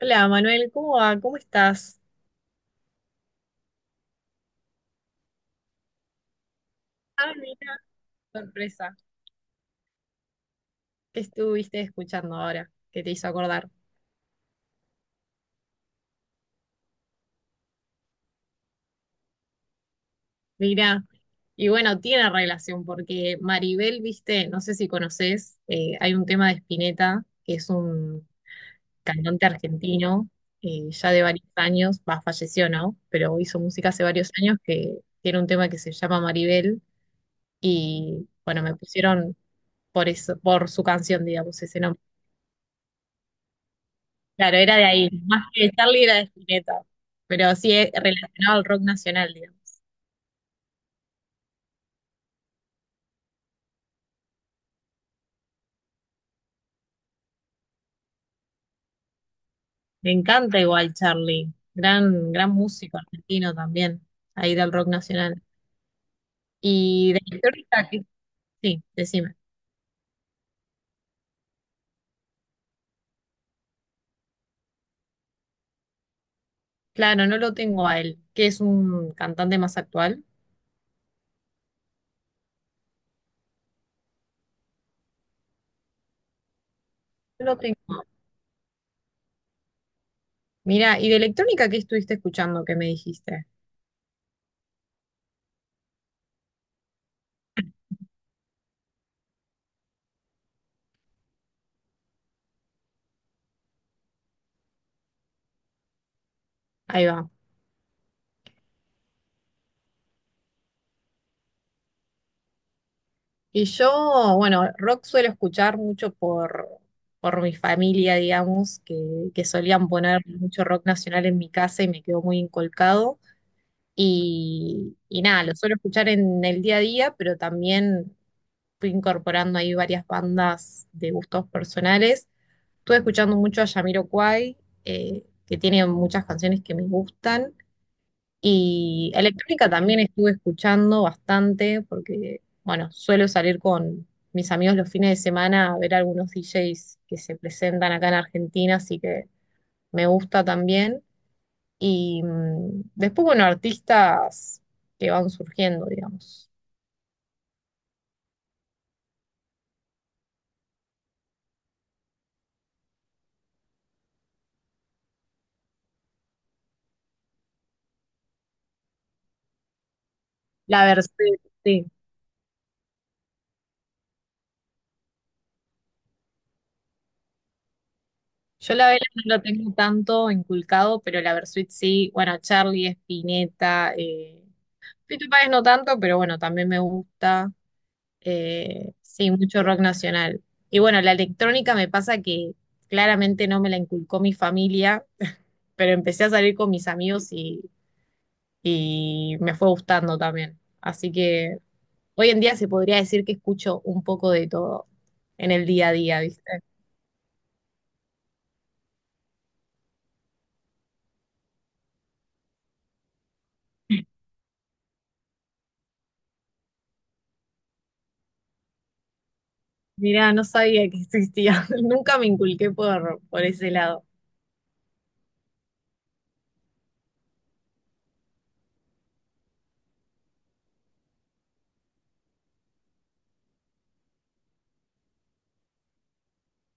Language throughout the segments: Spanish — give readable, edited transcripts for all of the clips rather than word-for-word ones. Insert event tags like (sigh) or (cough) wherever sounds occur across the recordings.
Hola Manuel, ¿cómo va? ¿Cómo estás? Ah, mira, sorpresa. ¿Qué estuviste escuchando ahora? ¿Qué te hizo acordar? Mira, y bueno, tiene relación porque Maribel, viste, no sé si conoces, hay un tema de Spinetta, que es un cantante argentino, ya de varios años, va, falleció, ¿no? Pero hizo música hace varios años que tiene un tema que se llama Maribel y bueno, me pusieron por eso, por su canción, digamos, ese nombre. Claro, era de ahí. Más que Charlie era de Spinetta. Pero sí es relacionado al rock nacional, digamos. Me encanta igual Charlie. Gran, gran músico argentino también. Ahí del rock nacional. Y de histórica, ¿qué? Sí, decime. Claro, no lo tengo a él, que es un cantante más actual. No lo tengo. Mira, ¿y de electrónica qué estuviste escuchando que me dijiste? Ahí va. Y yo, bueno, rock suelo escuchar mucho por mi familia, digamos, que solían poner mucho rock nacional en mi casa y me quedó muy inculcado. Y nada, lo suelo escuchar en el día a día, pero también fui incorporando ahí varias bandas de gustos personales. Estuve escuchando mucho a Jamiroquai, que tiene muchas canciones que me gustan. Y electrónica también estuve escuchando bastante porque, bueno, suelo salir con mis amigos los fines de semana a ver algunos DJs que se presentan acá en Argentina, así que me gusta también. Y después, bueno, artistas que van surgiendo, digamos. La Versuit, sí. Yo la Vela no lo tengo tanto inculcado, pero la Versuit sí. Bueno, Charlie, Spinetta, Fito Páez no tanto, pero bueno, también me gusta. Sí, mucho rock nacional. Y bueno, la electrónica me pasa que claramente no me la inculcó mi familia, pero empecé a salir con mis amigos y me fue gustando también. Así que hoy en día se podría decir que escucho un poco de todo en el día a día, ¿viste? Mirá, no sabía que existía. (laughs) Nunca me inculqué por ese lado.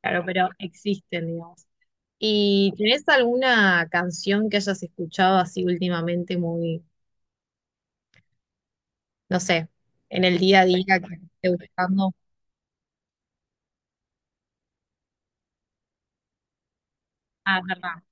Claro, pero existen, digamos. ¿Y tenés alguna canción que hayas escuchado así últimamente muy no sé, en el día a día que esté buscando? Ah, es verdad.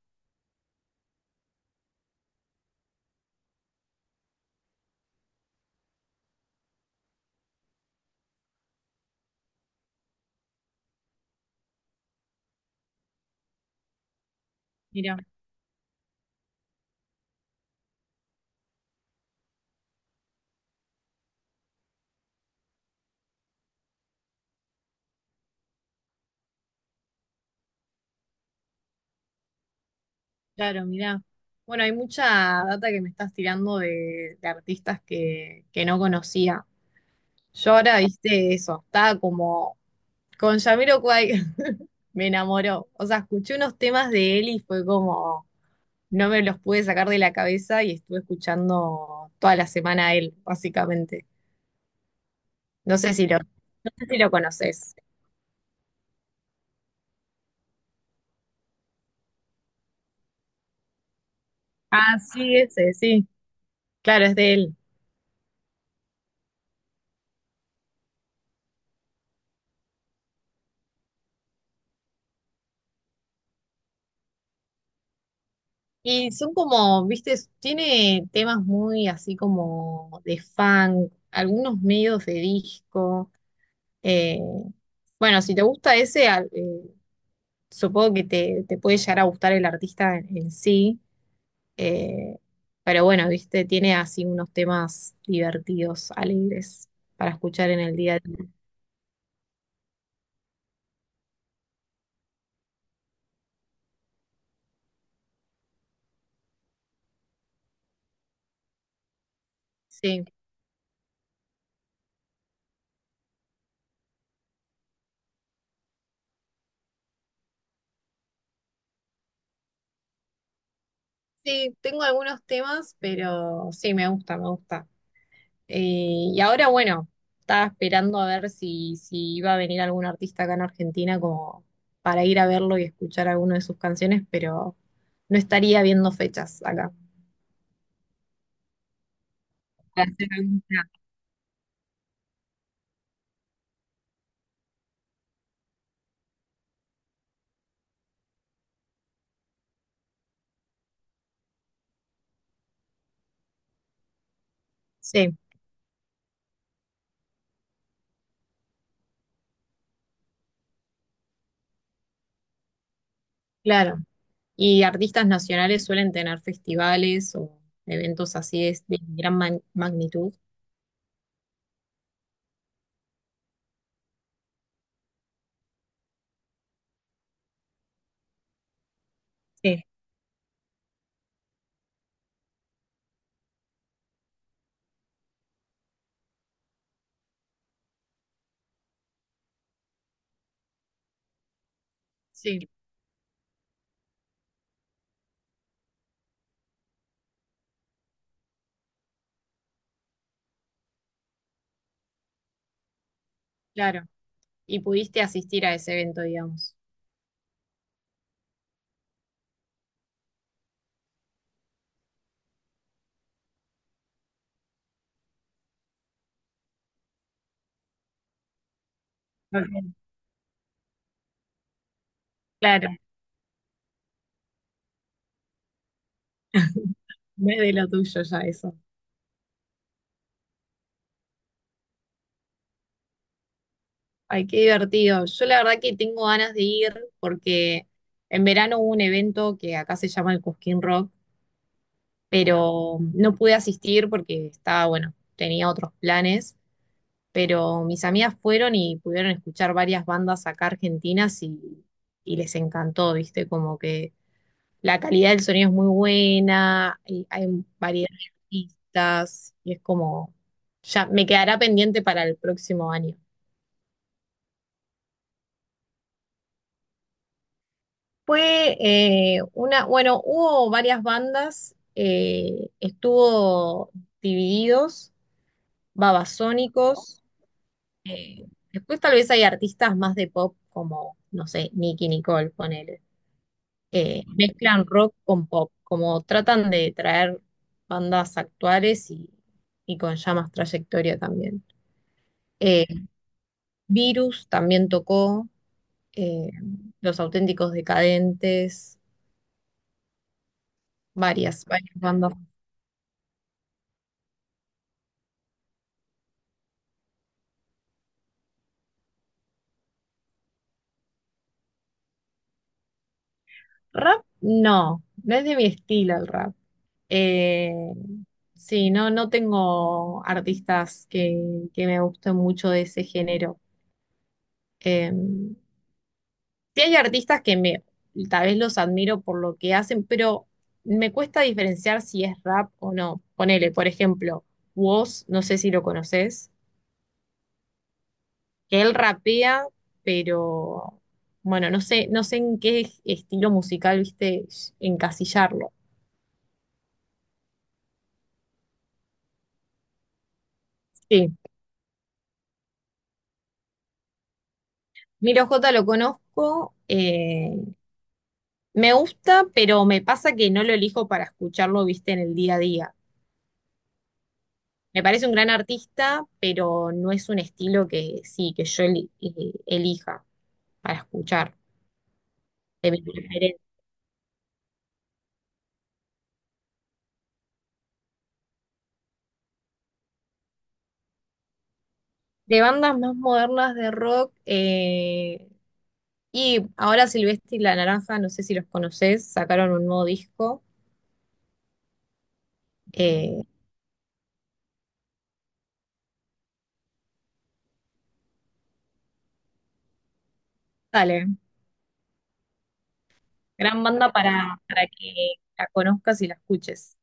Mira, claro, mira. Bueno, hay mucha data que me estás tirando de artistas que no conocía. Yo ahora, viste, eso, estaba como con Jamiroquai, (laughs) me enamoró. O sea, escuché unos temas de él y fue como, no me los pude sacar de la cabeza y estuve escuchando toda la semana a él, básicamente. No sé si lo conoces. Ah, sí, ese, sí. Claro, es de él. Y son como, viste, tiene temas muy así como de funk, algunos medios de disco. eh, bueno, si te gusta ese, supongo que te puede llegar a gustar el artista en sí. eh, pero bueno, viste, tiene así unos temas divertidos, alegres para escuchar en el día a día. Sí, sí, tengo algunos temas, pero sí, me gusta, me gusta. Y ahora, bueno, estaba esperando a ver si, si iba a venir algún artista acá en Argentina como para ir a verlo y escuchar alguna de sus canciones, pero no estaría viendo fechas acá. Para hacer algún plan. Sí, claro. Y artistas nacionales suelen tener festivales o eventos así de gran magnitud. Sí. Sí, claro. Y pudiste asistir a ese evento, digamos. Ok, claro. No es de lo tuyo ya eso. Ay, qué divertido. Yo la verdad que tengo ganas de ir porque en verano hubo un evento que acá se llama el Cusquín Rock, pero no pude asistir porque estaba, bueno, tenía otros planes, pero mis amigas fueron y pudieron escuchar varias bandas acá argentinas y les encantó, ¿viste? Como que la calidad del sonido es muy buena, y hay variedad de artistas y es como, ya me quedará pendiente para el próximo año. Fue bueno, hubo varias bandas, estuvo Divididos, Babasónicos, después tal vez hay artistas más de pop como, no sé, Nicki Nicole, ponele. Mezclan rock con pop, como tratan de traer bandas actuales y con ya más trayectoria también. Eh, Virus también tocó, eh, Los Auténticos Decadentes, varias, varias bandas. Rap, no, no es de mi estilo el rap. Eh, sí, no, no tengo artistas que me gusten mucho de ese género. Eh, sí hay artistas que me, tal vez los admiro por lo que hacen, pero me cuesta diferenciar si es rap o no. Ponele, por ejemplo, Wos, no sé si lo conoces, que él rapea, pero bueno, no sé, no sé en qué estilo musical, viste, encasillarlo. Sí. Miro J lo conozco, me gusta, pero me pasa que no lo elijo para escucharlo, viste, en el día a día. Me parece un gran artista, pero no es un estilo que sí, que yo elija para escuchar, de mi preferencia. De bandas más modernas de rock, y ahora Silvestre y La Naranja, no sé si los conoces, sacaron un nuevo disco. Eh, dale, gran banda para que la conozcas y la escuches.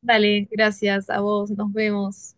Dale, gracias a vos, nos vemos.